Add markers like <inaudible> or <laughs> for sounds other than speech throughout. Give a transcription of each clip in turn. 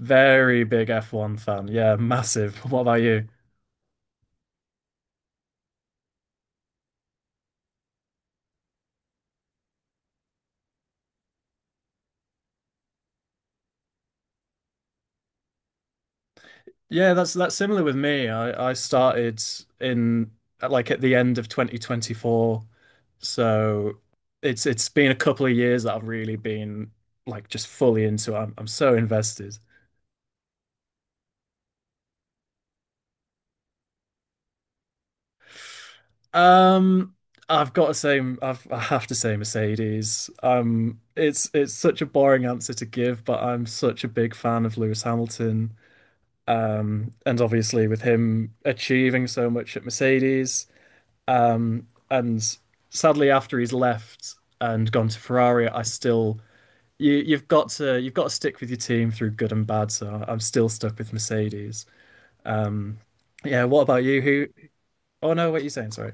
Very big F1 fan. Yeah, massive. <laughs> What about you? Yeah, that's similar with me. I started in like at the end of 2024. So it's been a couple of years that I've really been like just fully into it. I'm so invested. Um I've got to say I have to say Mercedes. It's such a boring answer to give, but I'm such a big fan of Lewis Hamilton. And obviously, with him achieving so much at Mercedes, and sadly after he's left and gone to Ferrari, I still you've got to stick with your team through good and bad. So I'm still stuck with Mercedes. Um, yeah. What about you? Who? Oh no, what are you saying? Sorry.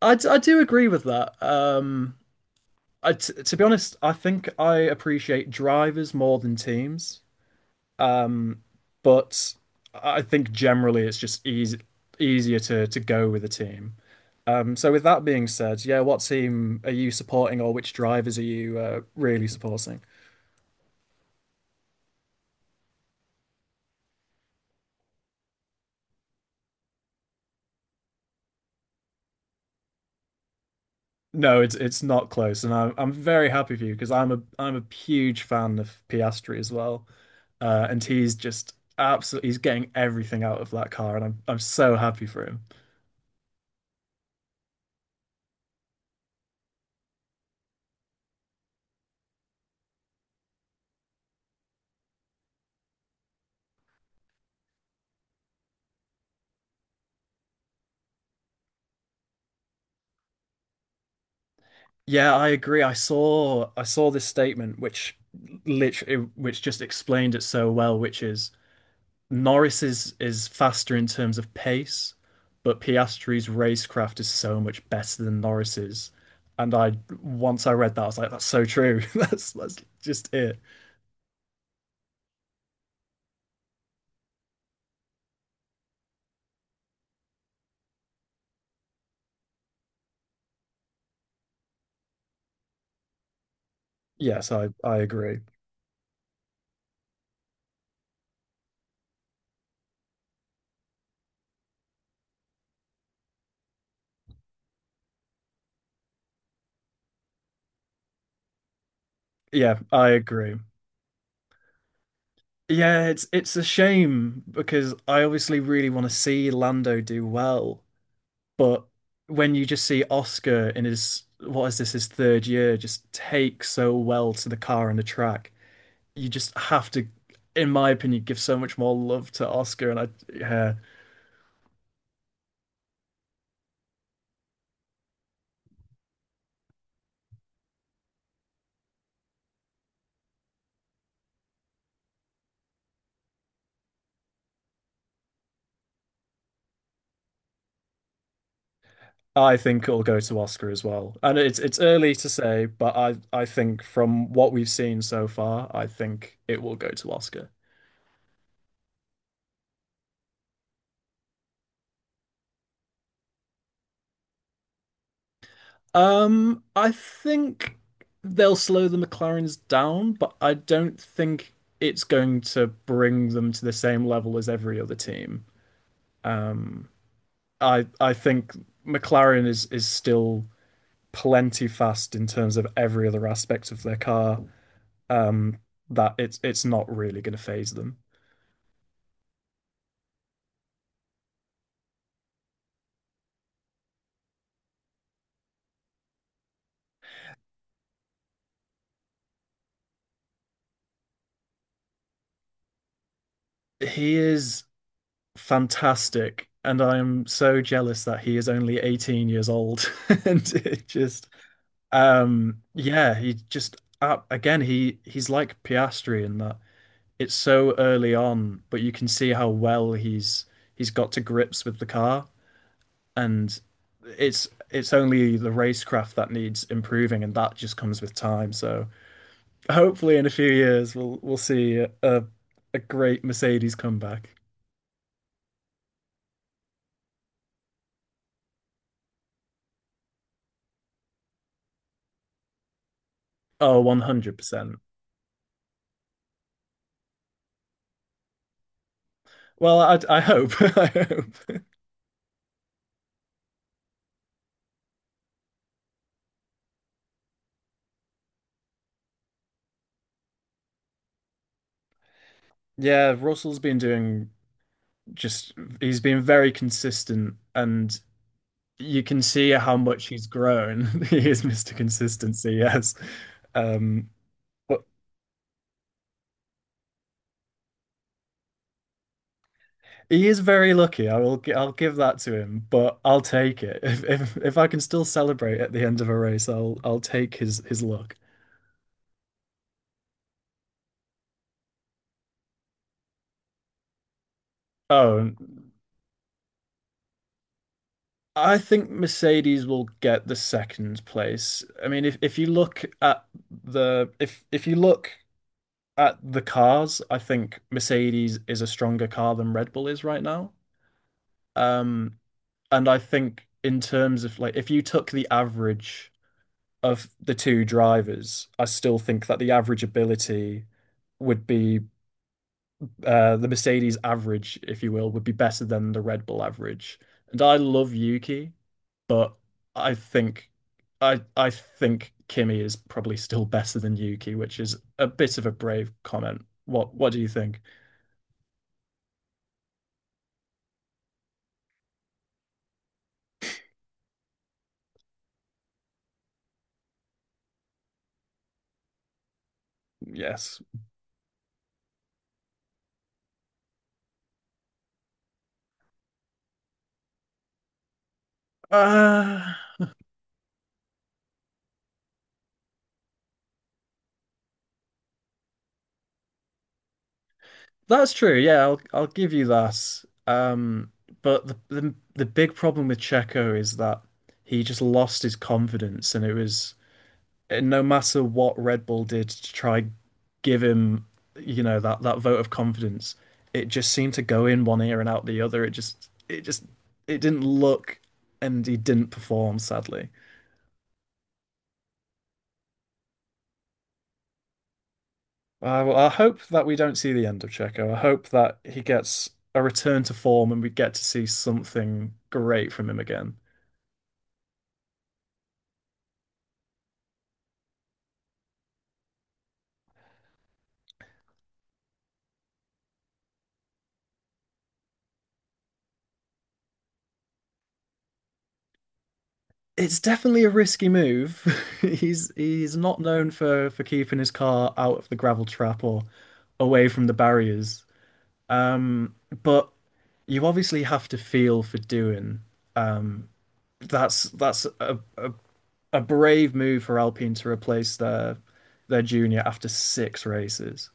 I do agree with that. I t to be honest, I think I appreciate drivers more than teams. Um, but I think generally it's just easy, easier to go with a team. So with that being said, yeah, what team are you supporting, or which drivers are you really supporting? No, it's not close, and I'm very happy for you because I'm a huge fan of Piastri as well, and he's just absolutely he's getting everything out of that car, and I'm so happy for him. Yeah, I agree. I saw this statement which literally which just explained it so well, which is Norris is faster in terms of pace, but Piastri's racecraft is so much better than Norris's. And I Once I read that, I was like, that's so true. <laughs> That's just it. Yes, I agree. Yeah, I agree. Yeah, it's a shame because I obviously really want to see Lando do well, but when you just see Oscar in his what is this his third year just take so well to the car and the track, you just have to, in my opinion, give so much more love to Oscar, and I yeah, I think it'll go to Oscar as well. And it's early to say, but I think from what we've seen so far, I think it will go to Oscar. I think they'll slow the McLarens down, but I don't think it's going to bring them to the same level as every other team. Um, I think McLaren is still plenty fast in terms of every other aspect of their car um, that it's not really going to phase them. He is fantastic, and I am so jealous that he is only 18 years old. <laughs> And it just, yeah, he just again he's like Piastri in that it's so early on, but you can see how well he's got to grips with the car and it's only the racecraft that needs improving, and that just comes with time. So hopefully, in a few years, we'll see a great Mercedes comeback. Oh, 100%. Well, I hope. <laughs> I hope. Yeah, Russell's been doing just he's been very consistent, and you can see how much he's grown. <laughs> He is Mr. Consistency, yes. Um, but he is very lucky. I will. I'll give that to him, but I'll take it. <laughs> If if I can still celebrate at the end of a race, I'll take his luck. Oh, I think Mercedes will get the second place. I mean, if you look at the if you look at the cars, I think Mercedes is a stronger car than Red Bull is right now. Um, and I think in terms of like if you took the average of the two drivers, I still think that the average ability would be the Mercedes average, if you will, would be better than the Red Bull average. And I love Yuki, but I think I think Kimi is probably still better than Yuki, which is a bit of a brave comment. What do you think? Yes. Uh, that's true. Yeah, I'll give you that. Um, but the big problem with Checo is that he just lost his confidence, and it was and no matter what Red Bull did to try give him, you know, that that vote of confidence, it just seemed to go in one ear and out the other. It just it just it didn't look, and he didn't perform, sadly. Well, I hope that we don't see the end of Checo. I hope that he gets a return to form and we get to see something great from him again. It's definitely a risky move. <laughs> He's not known for keeping his car out of the gravel trap or away from the barriers. Um, but you obviously have to feel for doing. Um, that's a, a brave move for Alpine to replace their junior after 6 races.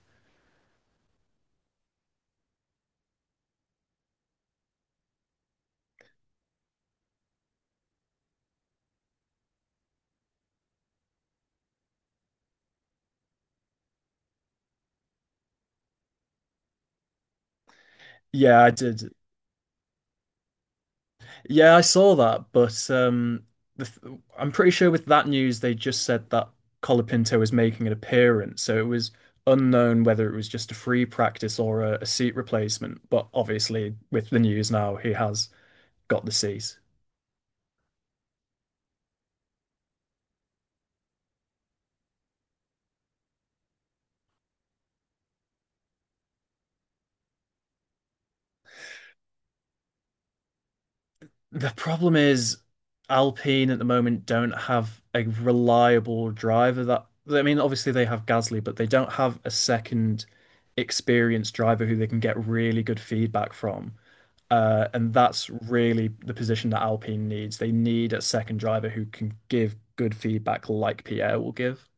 Yeah, I did. Yeah, I saw that, but the th I'm pretty sure with that news they just said that Colapinto was making an appearance, so it was unknown whether it was just a free practice or a seat replacement. But obviously, with the news now, he has got the seat. The problem is Alpine at the moment don't have a reliable driver that I mean, obviously they have Gasly, but they don't have a second experienced driver who they can get really good feedback from. And that's really the position that Alpine needs. They need a second driver who can give good feedback like Pierre will give.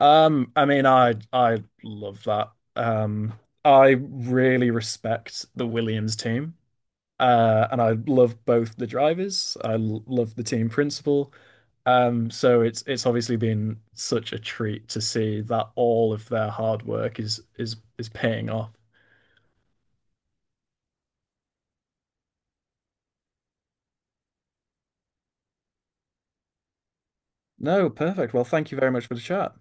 I mean, I love that. I really respect the Williams team. And I love both the drivers. Love the team principle. So it's obviously been such a treat to see that all of their hard work is is paying off. No, perfect. Well, thank you very much for the chat.